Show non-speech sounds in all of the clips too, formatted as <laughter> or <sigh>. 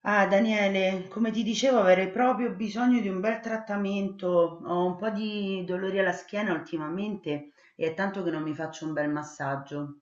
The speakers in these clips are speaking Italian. Ah, Daniele, come ti dicevo, avrei proprio bisogno di un bel trattamento. Ho un po' di dolori alla schiena ultimamente e è tanto che non mi faccio un bel massaggio.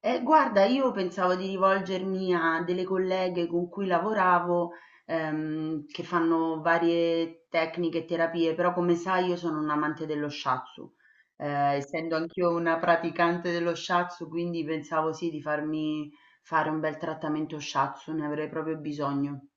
Guarda, io pensavo di rivolgermi a delle colleghe con cui lavoravo, che fanno varie tecniche e terapie, però come sai io sono un amante dello shiatsu. Essendo anch'io una praticante dello shiatsu, quindi pensavo sì di farmi fare un bel trattamento shiatsu, ne avrei proprio bisogno.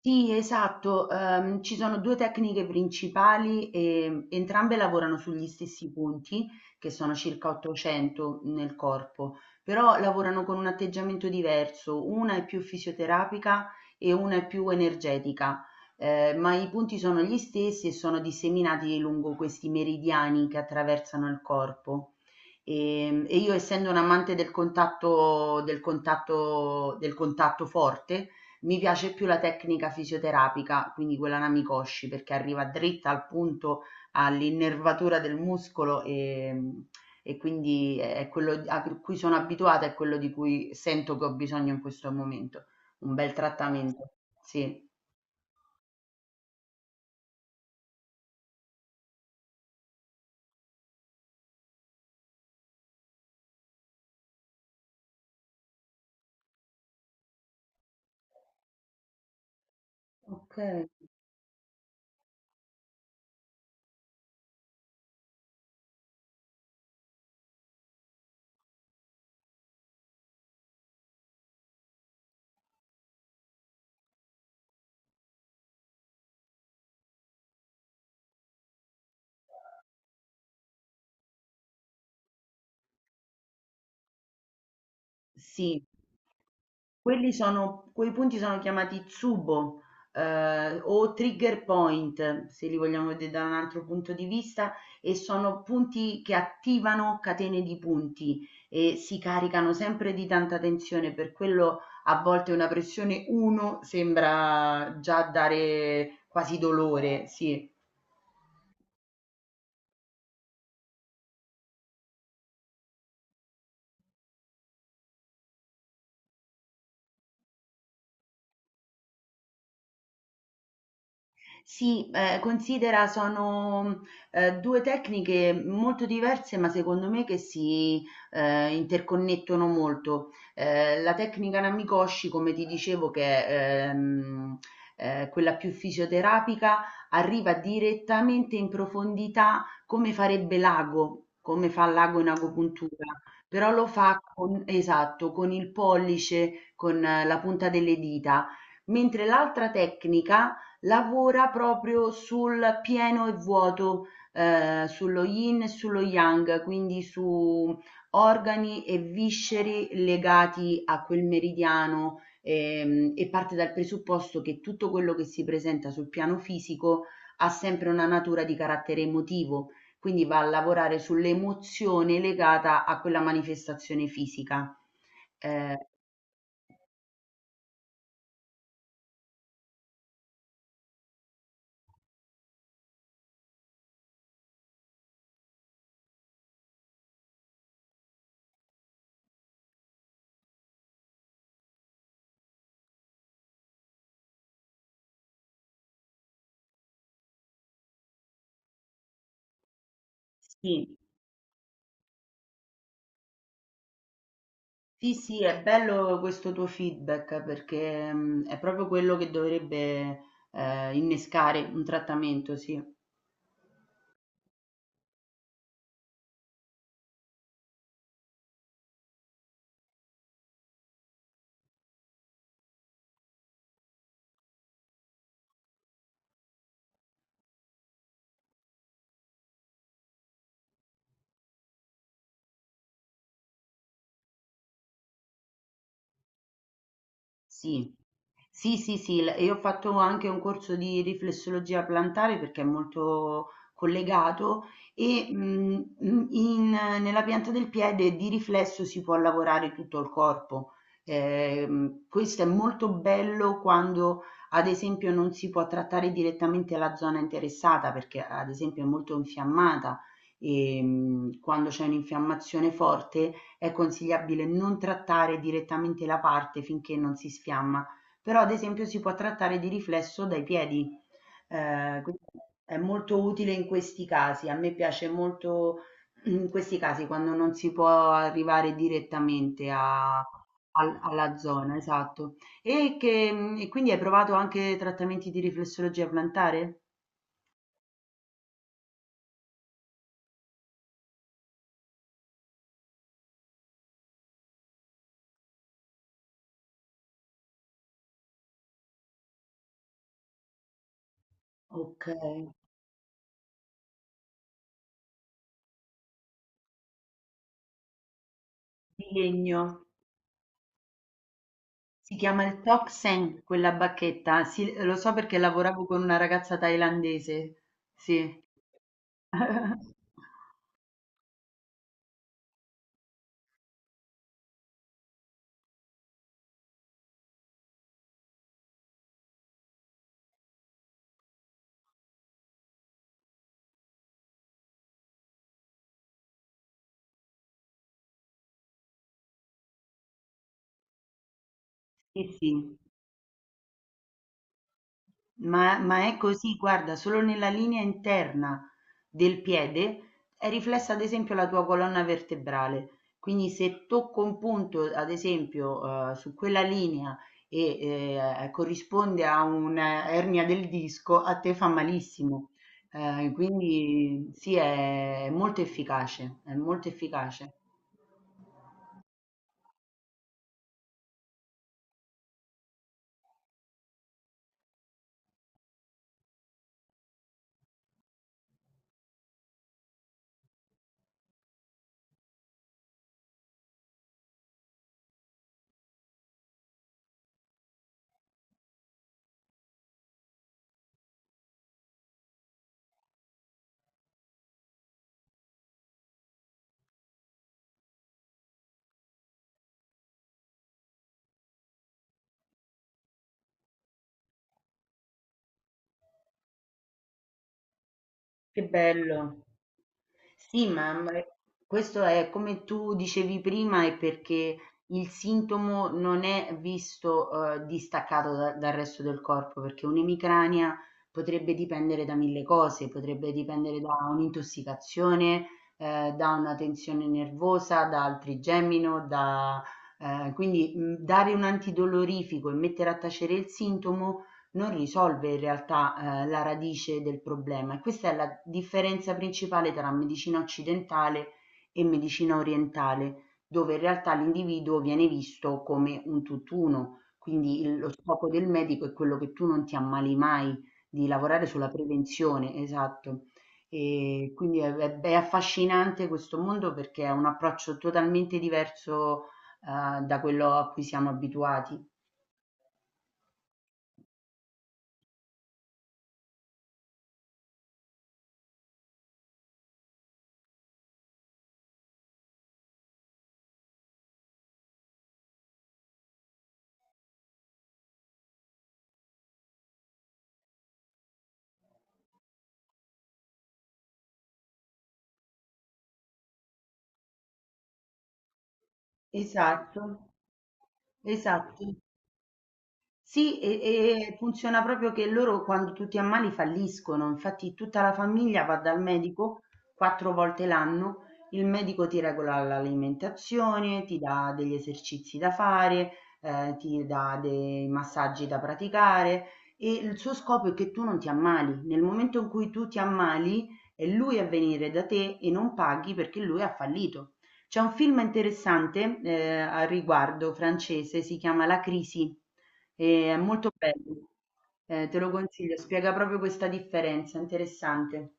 Sì, esatto. Ci sono 2 tecniche principali, entrambe lavorano sugli stessi punti, che sono circa 800 nel corpo, però lavorano con un atteggiamento diverso. Una è più fisioterapica e una è più energetica, ma i punti sono gli stessi e sono disseminati lungo questi meridiani che attraversano il corpo. E io essendo un amante del contatto forte, mi piace più la tecnica fisioterapica, quindi quella Namikoshi, perché arriva dritta al punto, all'innervatura del muscolo e quindi è quello a cui sono abituata, è quello di cui sento che ho bisogno in questo momento. Un bel trattamento, sì. Ok. Sì. Quelli sono quei punti sono chiamati "tsubo", o trigger point, se li vogliamo vedere da un altro punto di vista, e sono punti che attivano catene di punti e si caricano sempre di tanta tensione, per quello a volte una pressione 1 sembra già dare quasi dolore, sì. Sì, considera sono due tecniche molto diverse, ma secondo me che si interconnettono molto. La tecnica Namikoshi, come ti dicevo, che è quella più fisioterapica, arriva direttamente in profondità come farebbe l'ago, come fa l'ago in agopuntura, però lo fa con, esatto, con il pollice, con la punta delle dita, mentre l'altra tecnica lavora proprio sul pieno e vuoto, sullo yin e sullo yang, quindi su organi e visceri legati a quel meridiano, e parte dal presupposto che tutto quello che si presenta sul piano fisico ha sempre una natura di carattere emotivo, quindi va a lavorare sull'emozione legata a quella manifestazione fisica. Ehm, sì. Sì, sì, è bello questo tuo feedback perché è proprio quello che dovrebbe innescare un trattamento, sì. Sì, sì, sì, sì, io ho fatto anche un corso di riflessologia plantare perché è molto collegato e nella pianta del piede di riflesso si può lavorare tutto il corpo. Questo è molto bello quando, ad esempio, non si può trattare direttamente la zona interessata perché, ad esempio, è molto infiammata e quando c'è un'infiammazione forte è consigliabile non trattare direttamente la parte finché non si sfiamma però ad esempio si può trattare di riflesso dai piedi, quindi è molto utile in questi casi. A me piace molto in questi casi quando non si può arrivare direttamente a al alla zona, esatto. E che mhmm, e quindi hai provato anche trattamenti di riflessologia plantare? Okay, di legno. Si chiama il Tok Seng quella bacchetta. Sì, lo so perché lavoravo con una ragazza thailandese. Sì. <laughs> Sì, sì, ma è così, guarda, solo nella linea interna del piede è riflessa ad esempio la tua colonna vertebrale. Quindi se tocco un punto, ad esempio, su quella linea e corrisponde a un'ernia del disco, a te fa malissimo. Quindi sì, è molto efficace, è molto efficace. Che bello. Sì, questo è come tu dicevi prima, è perché il sintomo non è visto distaccato dal resto del corpo, perché un'emicrania potrebbe dipendere da mille cose, potrebbe dipendere da un'intossicazione, da una tensione nervosa, da altrigemino, da, quindi dare un antidolorifico e mettere a tacere il sintomo non risolve in realtà la radice del problema e questa è la differenza principale tra medicina occidentale e medicina orientale, dove in realtà l'individuo viene visto come un tutt'uno, quindi lo scopo del medico è quello che tu non ti ammali mai, di lavorare sulla prevenzione, esatto. E quindi è affascinante questo mondo perché è un approccio totalmente diverso da quello a cui siamo abituati. Esatto, esatto. Sì, e funziona proprio che loro quando tu ti ammali falliscono, infatti tutta la famiglia va dal medico 4 volte l'anno, il medico ti regola l'alimentazione, ti dà degli esercizi da fare, ti dà dei massaggi da praticare e il suo scopo è che tu non ti ammali. Nel momento in cui tu ti ammali è lui a venire da te e non paghi perché lui ha fallito. C'è un film interessante, al riguardo francese, si chiama La Crisi e è molto bello, te lo consiglio, spiega proprio questa differenza, interessante.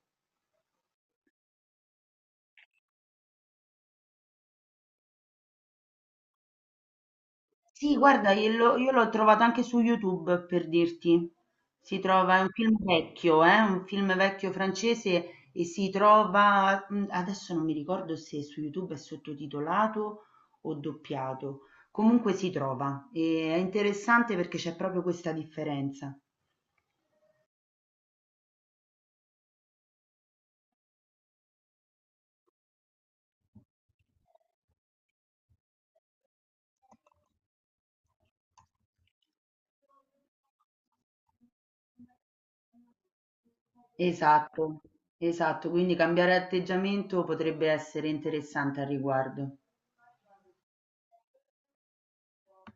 Sì, guarda, io l'ho trovato anche su YouTube per dirti. Si trova, è un film vecchio francese e si trova, adesso non mi ricordo se su YouTube è sottotitolato o doppiato, comunque si trova e è interessante perché c'è proprio questa differenza. Esatto, esatto, quindi cambiare atteggiamento potrebbe essere interessante al riguardo.